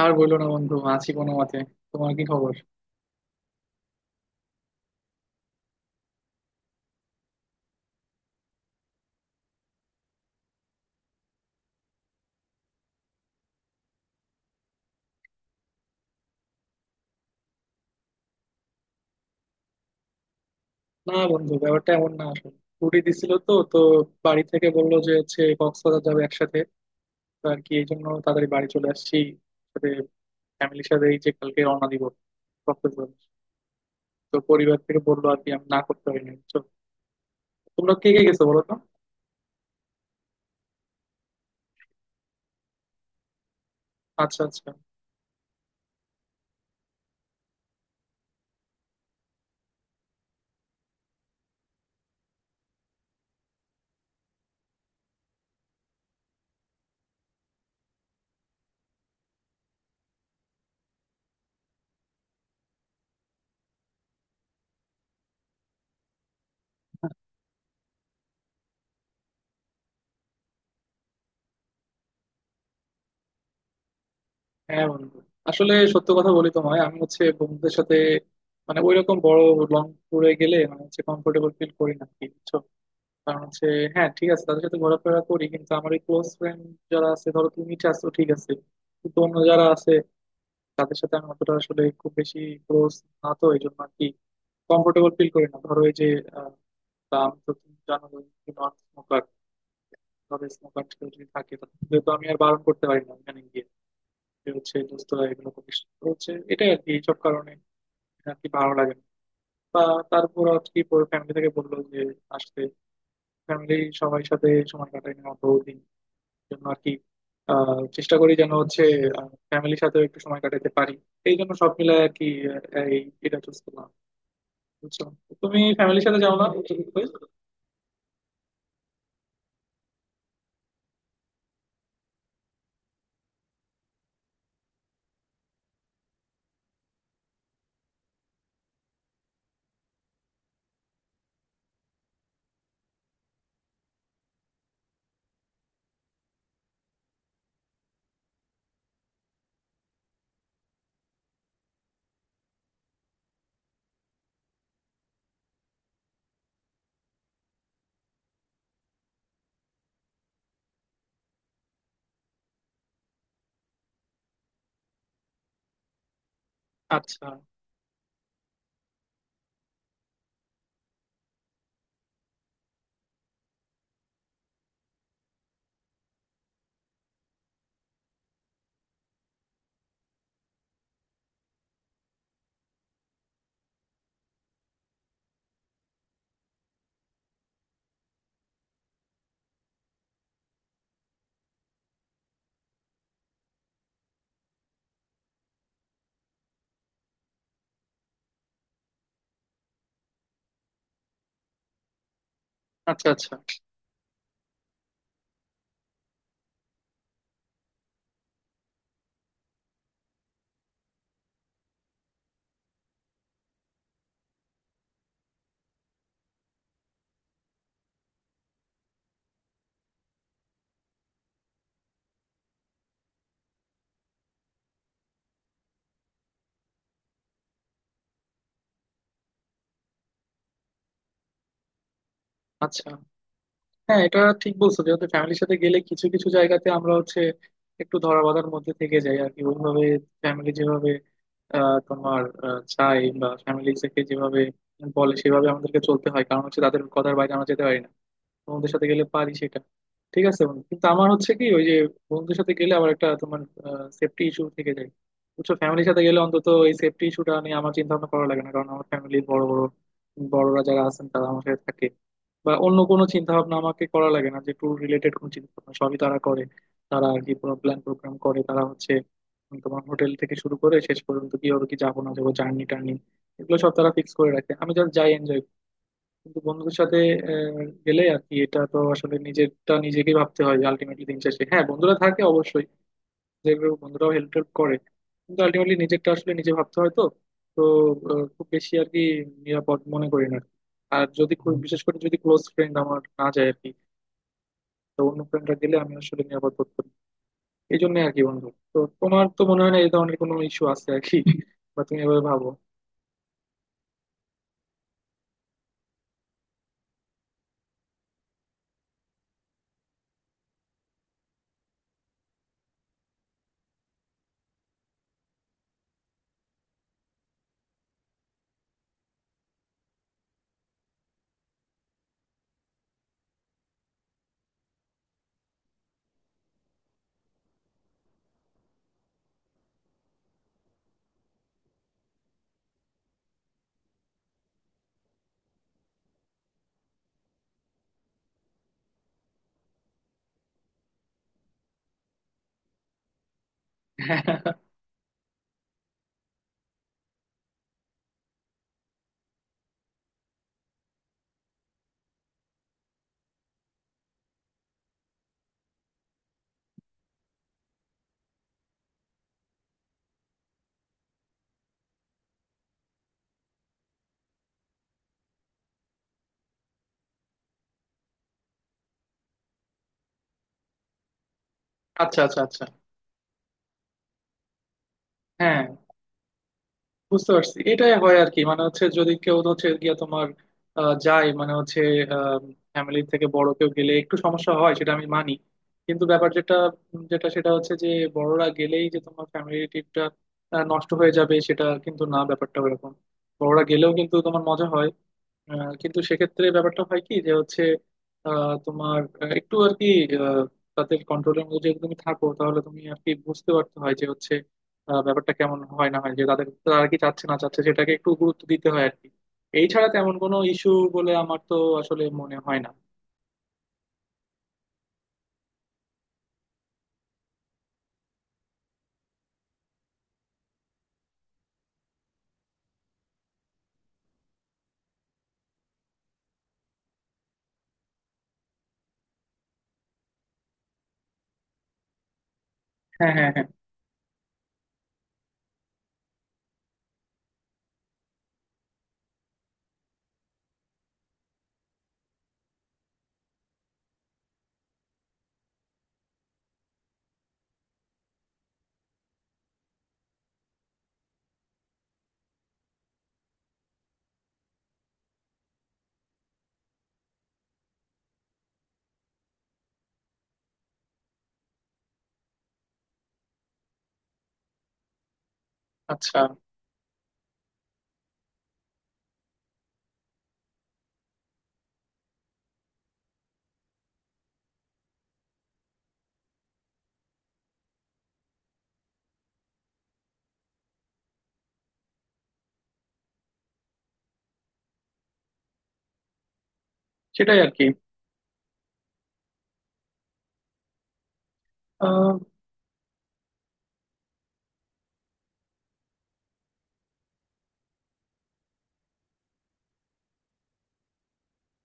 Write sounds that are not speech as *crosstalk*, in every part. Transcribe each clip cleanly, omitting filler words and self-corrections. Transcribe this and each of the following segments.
আর বললো না বন্ধু, আছি কোনো মতে। তোমার কি খবর? না বন্ধু, ব্যাপারটা এমন না। আসলে ছুটি দিছিল তো তো বাড়ি থেকে বললো যে হচ্ছে কক্সবাজার যাবে একসাথে। তো আর কি এই জন্য তাড়াতাড়ি বাড়ি চলে আসছি। সাথে ফ্যামিলির সাথে এই যে কালকে রওনা দিব কক্সবাজার। তো পরিবার থেকে বললো আর কি, আমি না করতে পারিনি বুঝছো? তোমরা কে কে গেছো বলো তো। আচ্ছা, আচ্ছা। হ্যাঁ বন্ধু, আসলে সত্য কথা বলি তোমায়, আমি হচ্ছে বন্ধুদের সাথে মানে ওইরকম বড় লং ট্যুরে গেলে মানে হচ্ছে কমফোর্টেবল ফিল করি না আর কি, বুঝছো? কারণ হচ্ছে হ্যাঁ ঠিক আছে তাদের সাথে ঘোরাফেরা করি, কিন্তু আমার ওই ক্লোজ ফ্রেন্ড যারা আছে, ধরো তুমি আছো ঠিক আছে, কিন্তু অন্য যারা আছে তাদের সাথে আমি অতটা আসলে খুব বেশি ক্লোজ না। তো এই জন্য আর কি কমফোর্টেবল ফিল করি না ধরো এই যে। আহ, তা আমি তো তুমি জানো নন স্মোকার। ধরো স্মোকার যদি থাকে, তাহলে তো আমি আর বারণ করতে পারি না ওখানে গিয়ে যে হচ্ছে দোস্তরা এগুলো করিস না। তো হচ্ছে এটাই আর কি এইসব কারণে আর কি ভালো লাগে না। বা তারপর আর কি ফ্যামিলি থেকে বললো যে আসতে, ফ্যামিলি সবাই সাথে সময় কাটাই না অত দিন জন্য আর কি। চেষ্টা করি যেন হচ্ছে ফ্যামিলির সাথে একটু সময় কাটাতে পারি। এই জন্য সব মিলে আর কি এই এটা চুজ করলাম বুঝছো। তুমি ফ্যামিলির সাথে যাও না? আচ্ছা, আচ্ছা। আচ্ছা, আচ্ছা। হ্যাঁ এটা ঠিক বলছো, যেহেতু ফ্যামিলির সাথে গেলে কিছু কিছু জায়গাতে আমরা হচ্ছে একটু ধরা বাঁধার মধ্যে থেকে যাই আর কি। ওইভাবে ফ্যামিলি যেভাবে তোমার চাই বা ফ্যামিলি থেকে যেভাবে বলে সেভাবে আমাদেরকে চলতে হয়, কারণ হচ্ছে তাদের কথার বাইরে আমরা যেতে পারি না। বন্ধুদের সাথে গেলে পারি সেটা। ঠিক আছে বন্ধু, কিন্তু আমার হচ্ছে কি ওই যে বন্ধুদের সাথে গেলে আবার একটা তোমার সেফটি ইস্যু থেকে যায় বুঝছো। ফ্যামিলির সাথে গেলে অন্তত এই সেফটি ইস্যুটা নিয়ে আমার চিন্তা ভাবনা করা লাগে না, কারণ আমার ফ্যামিলির বড় বড় বড়রা যারা আছেন তারা আমার সাথে থাকে। বা অন্য কোনো চিন্তা ভাবনা আমাকে করা লাগে না, যে ট্যুর রিলেটেড কোনো চিন্তা ভাবনা সবই তারা করে। তারা আর কি পুরো প্ল্যান প্রোগ্রাম করে, তারা হচ্ছে তোমার হোটেল থেকে শুরু করে শেষ পর্যন্ত কি হবে কি যাবো না যাবো জার্নি টার্নি, এগুলো সব তারা ফিক্স করে রাখে। আমি জাস্ট যাই এনজয়। কিন্তু বন্ধুদের সাথে আহ, গেলে আর কি এটা তো আসলে নিজেরটা নিজেকে ভাবতে হয় যে আলটিমেটলি দিন শেষে হ্যাঁ বন্ধুরা থাকে অবশ্যই, যে গ্রুপ বন্ধুরাও হেল্প টেল্প করে, কিন্তু আলটিমেটলি নিজেরটা আসলে নিজে ভাবতে হয়। তো তো খুব বেশি আর কি নিরাপদ মনে করি না। আর যদি খুব বিশেষ করে যদি ক্লোজ ফ্রেন্ড আমার না যায় আর কি, তো অন্য ফ্রেন্ডরা গেলে আমি আসলে নিরাপদ বোধ করি। এই জন্য আর কি বন্ধু। তো তোমার তো মনে হয় না এই ধরনের কোনো ইস্যু আছে আর কি *laughs* বা তুমি এভাবে ভাবো? আচ্ছা, আচ্ছা, আচ্ছা। হ্যাঁ বুঝতে পারছি এটাই হয় আর কি, মানে হচ্ছে যদি কেউ হচ্ছে গিয়ে তোমার যায় মানে হচ্ছে ফ্যামিলি থেকে বড় কেউ গেলে একটু সমস্যা হয়, সেটা আমি মানি। কিন্তু ব্যাপার যেটা যেটা সেটা হচ্ছে যে বড়রা গেলেই যে তোমার ফ্যামিলি ট্রিপটা নষ্ট হয়ে যাবে সেটা কিন্তু না, ব্যাপারটা ওরকম। বড়রা গেলেও কিন্তু তোমার মজা হয়। কিন্তু সেক্ষেত্রে ব্যাপারটা হয় কি যে হচ্ছে তোমার একটু আর কি আহ, তাদের কন্ট্রোলের মধ্যে যদি তুমি থাকো তাহলে তুমি আর কি বুঝতে পারতে হয় যে হচ্ছে ব্যাপারটা কেমন হয় না হয় যে তাদের, তারা কি চাচ্ছে না চাচ্ছে সেটাকে একটু গুরুত্ব দিতে হয় আর কি। এই ছাড়া তেমন কোনো ইস্যু বলে আমার তো আসলে মনে হয় না। হ্যাঁ, হ্যাঁ, হ্যাঁ। আচ্ছা, সেটাই আর কি।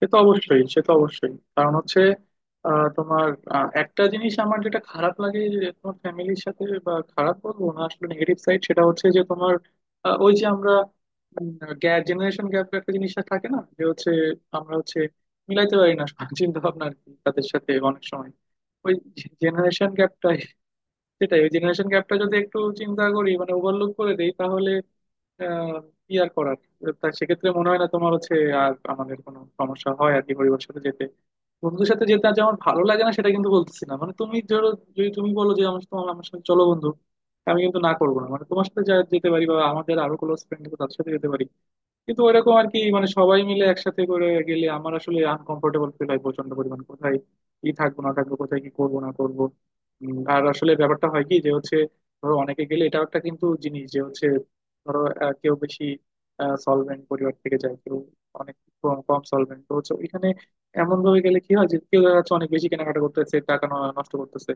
সে তো অবশ্যই, সে তো অবশ্যই। কারণ হচ্ছে তোমার একটা জিনিস আমার যেটা খারাপ লাগে যে তোমার ফ্যামিলির সাথে, বা খারাপ বলবো না আসলে নেগেটিভ সাইড সেটা হচ্ছে যে তোমার ওই যে আমরা গ্যাপ জেনারেশন গ্যাপ একটা জিনিসটা থাকে না যে হচ্ছে আমরা হচ্ছে মিলাইতে পারি না চিন্তা ভাবনা আর কি তাদের সাথে অনেক সময়। ওই জেনারেশন গ্যাপটাই। সেটাই, ওই জেনারেশন গ্যাপটা যদি একটু চিন্তা করি মানে ওভারলুক করে দেই, তাহলে আহ, কি আর করার। তা সেক্ষেত্রে মনে হয় না তোমার হচ্ছে আর আমাদের কোনো সমস্যা হয় আর কি পরিবারের সাথে যেতে। বন্ধুদের সাথে যেতে আজ আমার ভালো লাগে না সেটা কিন্তু বলতেছি না, মানে তুমি ধরো যদি তুমি বলো যে আমার তোমার আমার সাথে চলো বন্ধু, আমি কিন্তু না করবো না, মানে তোমার সাথে যা যেতে পারি বা আমাদের আরো ক্লোজ ফ্রেন্ড তাদের সাথে যেতে পারি। কিন্তু ওইরকম আর কি মানে সবাই মিলে একসাথে করে গেলে আমার আসলে আনকমফোর্টেবল ফিল হয় প্রচন্ড পরিমাণ। কোথায় কি থাকবো না থাকবো, কোথায় কি করবো না করবো। আর আসলে ব্যাপারটা হয় কি যে হচ্ছে ধরো অনেকে গেলে এটাও একটা কিন্তু জিনিস যে হচ্ছে, ধরো কেউ বেশি সলভেন্ট পরিবার থেকে যায়, কেউ অনেক কম কম সলভেন্ট তো হচ্ছে ওইখানে। এমন ভাবে গেলে কি হয় যে কেউ দেখা যাচ্ছে অনেক বেশি কেনাকাটা করতেছে, টাকা নষ্ট করতেছে।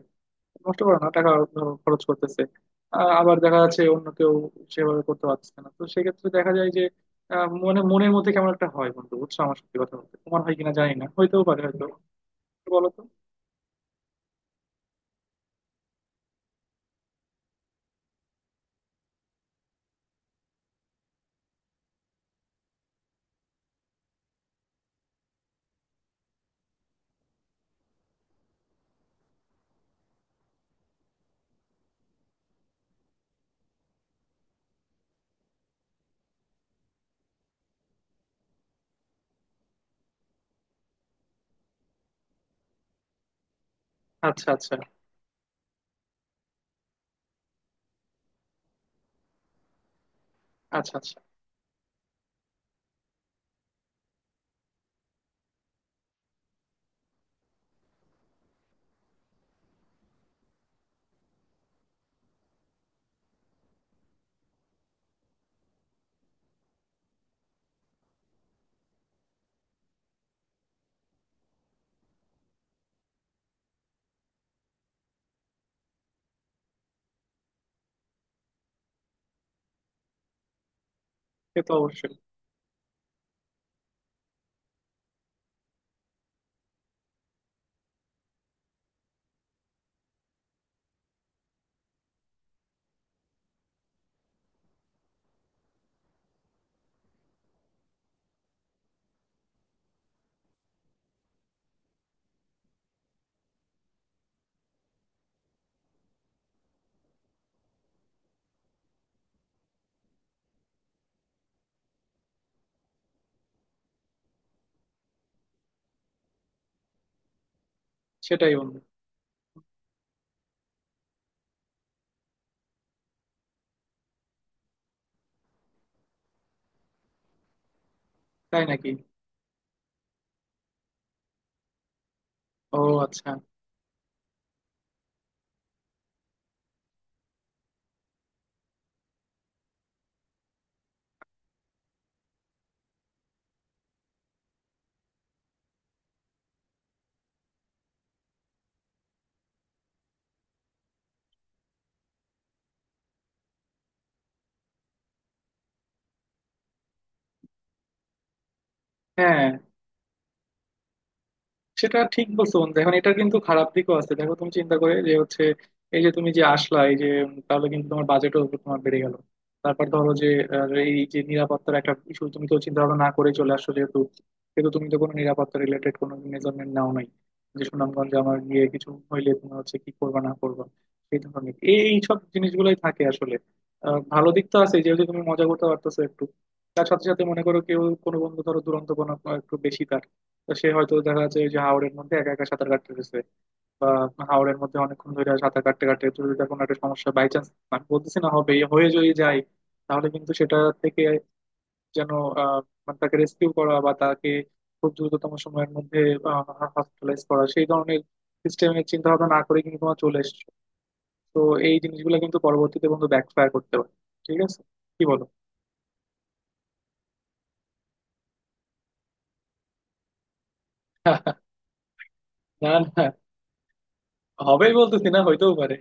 নষ্ট করে না টাকা, ধরো খরচ করতেছে। আবার দেখা যাচ্ছে অন্য কেউ সেভাবে করতে পারছে না। তো সেক্ষেত্রে দেখা যায় যে মনে মনের মধ্যে কেমন একটা হয় বন্ধু বুঝছো আমার। সত্যি কথা বলতে তোমার হয় কিনা জানি না, হইতেও পারে হয়তো। একটু বলো তো। আচ্ছা, আচ্ছা। আচ্ছা, আচ্ছা। সে তো অবশ্যই। সেটাই বন্ধু। তাই নাকি? ও আচ্ছা। হ্যাঁ সেটা ঠিক বলছো বন্ধু। এখন এটা কিন্তু খারাপ দিকও আছে, দেখো তুমি চিন্তা করে যে হচ্ছে এই যে তুমি যে আসলা এই যে তাহলে কিন্তু তোমার বাজেটও তোমার বেড়ে গেল। তারপর ধরো যে এই যে নিরাপত্তার একটা ইস্যু, তুমি তো চিন্তা ভাবনা না করে চলে আসছো যেহেতু, কিন্তু তুমি তো কোনো নিরাপত্তা রিলেটেড কোনো মেজারমেন্ট নাও নাই, যে সুনামগঞ্জে আমার গিয়ে কিছু হইলে তুমি হচ্ছে কি করবা না করবা, এই ধরনের এই সব জিনিসগুলোই থাকে আসলে। ভালো দিক তো আছে যেহেতু তুমি মজা করতে পারতেছো একটু। তার সাথে সাথে মনে করো কেউ কোনো বন্ধু ধরো দুরন্ত কোনো একটু বেশি তার, তো সে হয়তো দেখা যাচ্ছে ওই যে হাওরের মধ্যে একা একা সাঁতার কাটতে গেছে, বা হাওরের মধ্যে অনেকক্ষণ ধরে সাঁতার কাটতে কাটতে, তো যদি তার কোনো একটা সমস্যা বাই চান্স। আমি বলতেছি না হবে, হয়ে যদি যায়, তাহলে কিন্তু সেটা থেকে যেন আহ মানে তাকে রেস্কিউ করা বা তাকে খুব দ্রুততম সময়ের মধ্যে হসপিটালাইজ করা সেই ধরনের সিস্টেমের চিন্তা ভাবনা না করে কিন্তু তোমার চলে এসেছো। তো এই জিনিসগুলো কিন্তু পরবর্তীতে বন্ধু ব্যাকফায়ার করতে পারে। ঠিক আছে, কি বলো? *laughs* না, না। হবেই বলতেছি না, হইতেও পারে।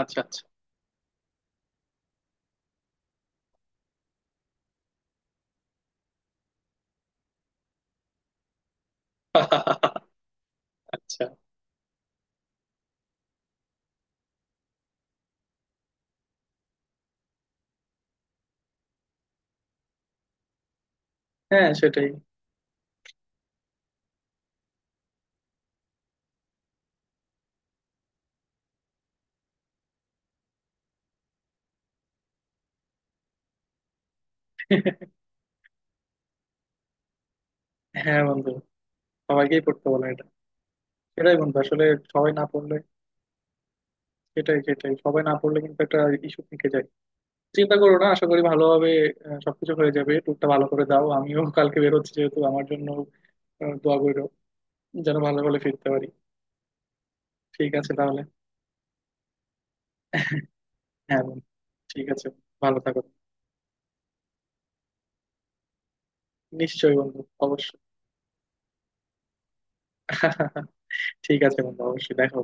আচ্ছা, আচ্ছা। *laughs* আচ্ছা। হ্যাঁ সেটাই। হ্যাঁ বন্ধু, সবাইকেই পড়তে বলে এটা। সেটাই বন্ধু আসলে, সবাই না পড়লে। সেটাই, সেটাই, সবাই না পড়লে কিন্তু একটা ইস্যু থেকে যায়। চিন্তা করো না, আশা করি ভালোভাবে সবকিছু হয়ে যাবে। ট্যুরটা ভালো করে দাও, আমিও *laughs* কালকে বেরোচ্ছি যেহেতু। আমার জন্য দোয়া করো যেন ভালো করে ফিরতে পারি। ঠিক আছে তাহলে। হ্যাঁ বন্ধু। ঠিক আছে, ভালো থাকো। নিশ্চয়ই বন্ধু, অবশ্যই। *laughs* ঠিক আছে বন্ধু, অবশ্যই দেখো।